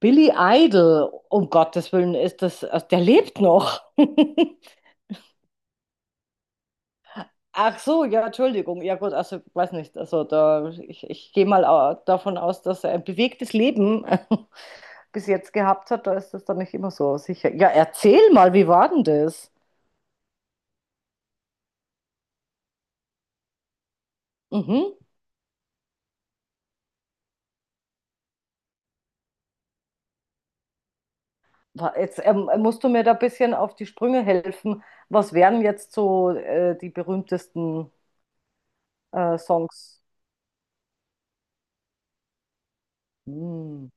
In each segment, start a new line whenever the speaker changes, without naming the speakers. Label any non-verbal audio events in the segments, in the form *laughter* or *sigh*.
Billy Idol, um Gottes Willen, ist das, also der lebt noch. *laughs* Ach so, ja, Entschuldigung. Ja gut, also weiß nicht. Also da, ich gehe mal davon aus, dass er ein bewegtes Leben *laughs* bis jetzt gehabt hat. Da ist das dann nicht immer so sicher. Ja, erzähl mal, wie war denn das? Mhm. Jetzt musst du mir da ein bisschen auf die Sprünge helfen. Was wären jetzt so die berühmtesten Songs? Hm.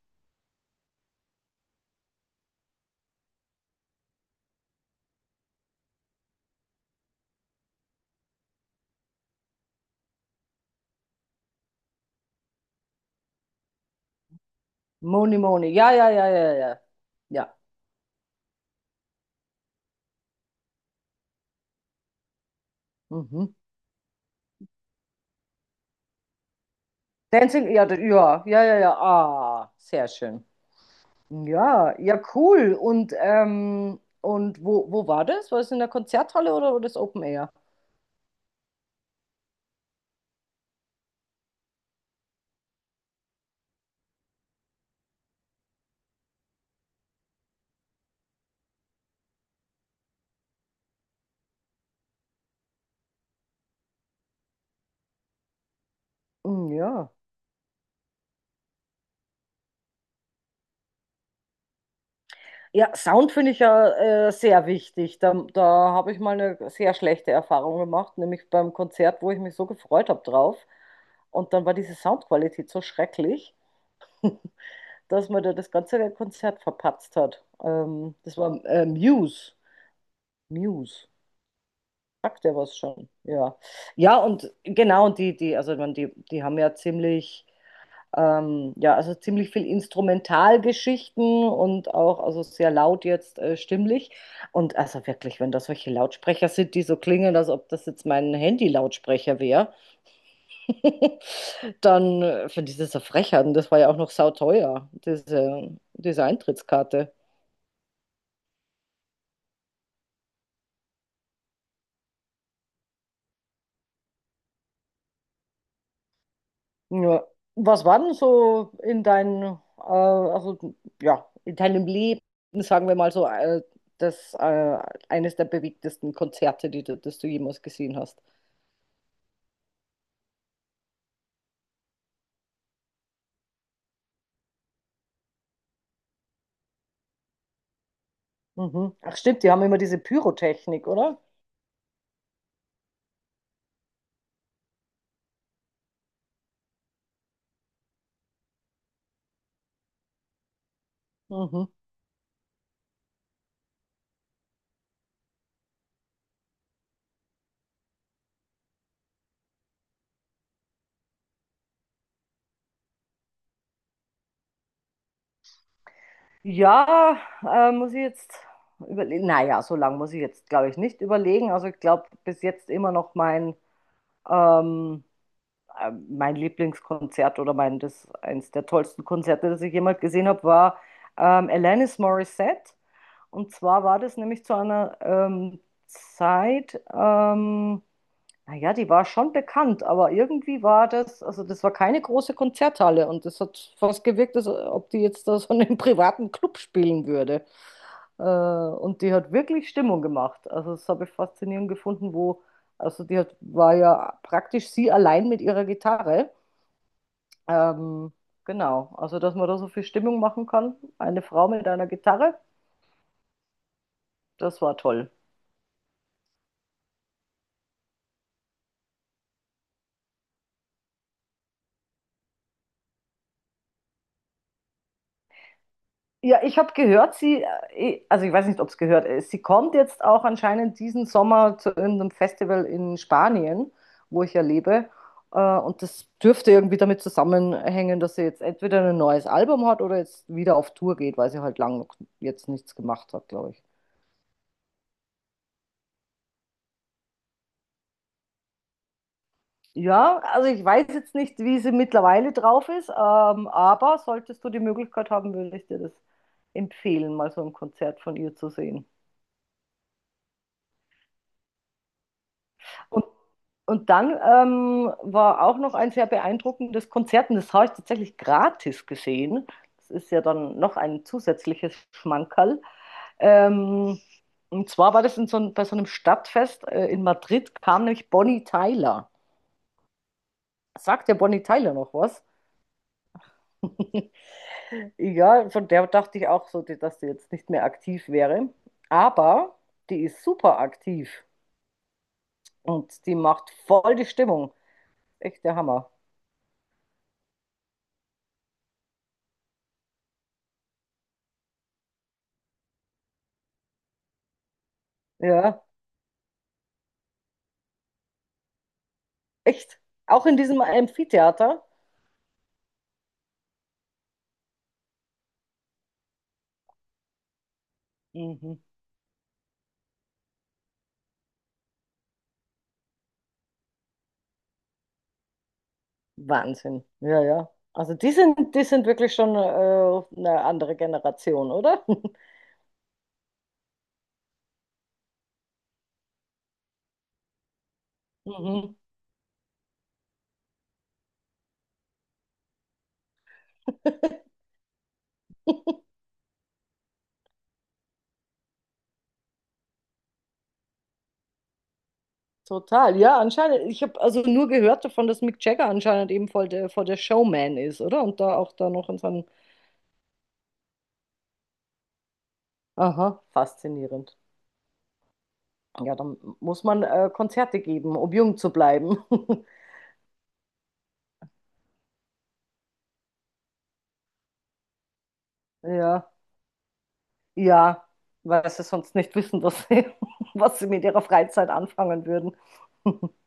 Money, Money. Ja, ja, ja, ja, ja. Ja. Mhm. Dancing, ja, ja, ja, ja, ja, ah, sehr schön. Ja, ja, cool. Und wo war das? War das in der Konzerthalle oder war das Open Air? Hm, ja. Ja, Sound finde ich ja sehr wichtig. Da habe ich mal eine sehr schlechte Erfahrung gemacht, nämlich beim Konzert, wo ich mich so gefreut habe drauf. Und dann war diese Soundqualität so schrecklich, *laughs* dass man da das ganze Konzert verpatzt hat. Das war Muse. Muse. Sagt er was schon, ja. Ja, und genau, und die, also ich meine, die haben ja ziemlich, ja, also ziemlich viel Instrumentalgeschichten und auch, also sehr laut jetzt stimmlich. Und also wirklich, wenn das solche Lautsprecher sind, die so klingen, als ob das jetzt mein Handy-Lautsprecher wäre, *laughs* dann finde ich das eine Frechheit. Und das war ja auch noch sauteuer, diese Eintrittskarte. Ja. Was war denn so in deinem, also ja, in deinem Leben, sagen wir mal so, das eines der bewegtesten Konzerte, die du, das du jemals gesehen hast? Mhm. Ach stimmt, die haben immer diese Pyrotechnik, oder? Mhm. Ja, muss ich jetzt überlegen. Naja, so lange muss ich jetzt, glaube ich, nicht überlegen. Also ich glaube, bis jetzt immer noch mein ähm, mein Lieblingskonzert oder mein, das, eins der tollsten Konzerte, das ich jemals gesehen habe, war Alanis Morissette. Und zwar war das nämlich zu einer Zeit, naja, die war schon bekannt, aber irgendwie war das, also das war keine große Konzerthalle und das hat fast gewirkt, als ob die jetzt da so in einem *laughs* privaten Club spielen würde. Und die hat wirklich Stimmung gemacht. Also das habe ich faszinierend gefunden, wo, also die hat, war ja praktisch sie allein mit ihrer Gitarre ähm, genau, also dass man da so viel Stimmung machen kann. Eine Frau mit einer Gitarre, das war toll. Ja, ich habe gehört, sie, eh, also ich weiß nicht, ob es gehört ist, sie kommt jetzt auch anscheinend diesen Sommer zu irgendeinem Festival in Spanien, wo ich ja lebe. Und das dürfte irgendwie damit zusammenhängen, dass sie jetzt entweder ein neues Album hat oder jetzt wieder auf Tour geht, weil sie halt lang jetzt nichts gemacht hat, glaube ich. Ja, also ich weiß jetzt nicht, wie sie mittlerweile drauf ist, aber solltest du die Möglichkeit haben, würde ich dir das empfehlen, mal so ein Konzert von ihr zu sehen. Und, und dann war auch noch ein sehr beeindruckendes Konzert, und das habe ich tatsächlich gratis gesehen. Das ist ja dann noch ein zusätzliches Schmankerl. Ähm, und zwar war das in so ein, bei so einem Stadtfest in Madrid, kam nämlich Bonnie Tyler. Sagt der Bonnie Tyler noch was? *laughs* Ja, von der dachte ich auch so, dass die jetzt nicht mehr aktiv wäre. Aber die ist super aktiv und die macht voll die Stimmung. Echt der Hammer. Ja, echt. Auch in diesem Amphitheater. Mhm. Wahnsinn. Ja, ja. Also die sind wirklich schon eine andere Generation, oder? *laughs* Mhm. Total. Ja, anscheinend. Ich habe also nur gehört davon, dass Mick Jagger anscheinend eben voll der Showman ist, oder? Und da auch da noch in so aha, faszinierend. Ja, dann muss man Konzerte geben, um jung zu bleiben. *laughs* Ja, ja, weil sie sonst nicht wissen, was sie, *laughs* was sie mit ihrer Freizeit anfangen würden. *laughs*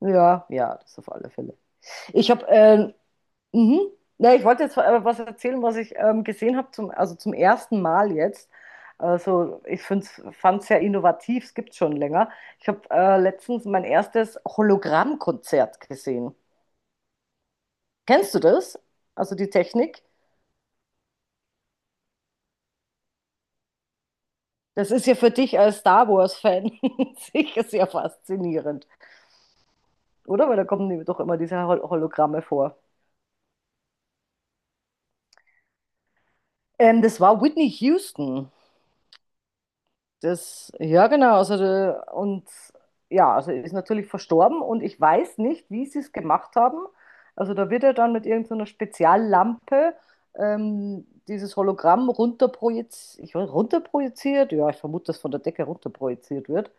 Ja, ja, das auf alle Fälle. Ich habe, mhm. Na, ich wollte jetzt was erzählen, was ich gesehen habe, zum, also zum ersten Mal jetzt. Also ich fand es sehr innovativ, es gibt es schon länger. Ich habe letztens mein erstes Hologrammkonzert gesehen. Kennst du das? Also die Technik? Das ist ja für dich als Star Wars-Fan *laughs* sicher sehr faszinierend, oder? Weil da kommen nämlich doch immer diese Hologramme vor. Das war Whitney Houston. Das, ja, genau. Also, und ja, also ist natürlich verstorben und ich weiß nicht, wie sie es gemacht haben. Also da wird er dann mit irgendeiner Speziallampe dieses Hologramm runterprojiziert, ich, weiß, runterprojiziert, ja, ich vermute, dass von der Decke runterprojiziert wird.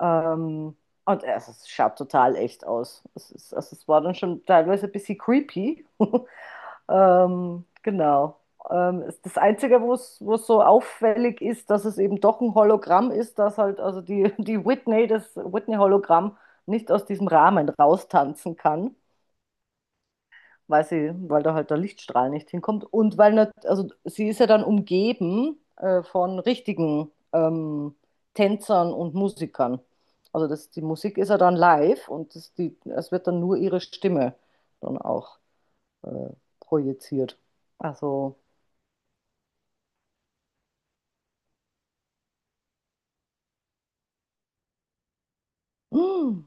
Ähm, und es schaut total echt aus. Ist, also es war dann schon teilweise ein bisschen creepy. *laughs* Genau. Das Einzige, wo es so auffällig ist, dass es eben doch ein Hologramm ist, dass halt also die, *laughs* die Whitney, das Whitney-Hologramm, nicht aus diesem Rahmen raustanzen kann, weil sie, weil da halt der Lichtstrahl nicht hinkommt und weil nicht, also sie ist ja dann umgeben von richtigen Tänzern und Musikern. Also das, die Musik ist ja dann live und das, die, es wird dann nur ihre Stimme dann auch äh, projiziert. Also, mm,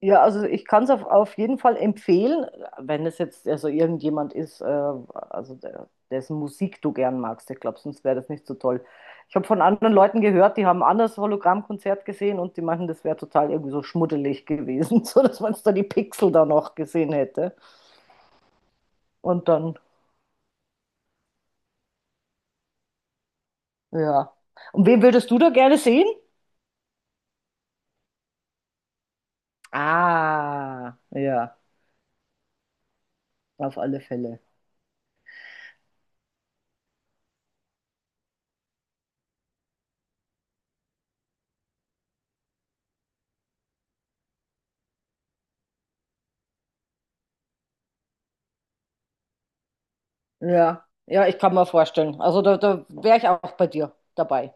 ja, also ich kann es auf jeden Fall empfehlen, wenn es jetzt also irgendjemand ist, also der, dessen Musik du gern magst. Ich glaube, sonst wäre das nicht so toll. Ich habe von anderen Leuten gehört, die haben ein anderes Hologrammkonzert gesehen und die meinten, das wäre total irgendwie so schmuddelig gewesen, *laughs* so dass man da die Pixel da noch gesehen hätte. Und dann, ja. Und wen würdest du da gerne sehen? Ah, ja, auf alle Fälle. Ja, ja, ich kann mir vorstellen. Also da, da wäre ich auch bei dir dabei.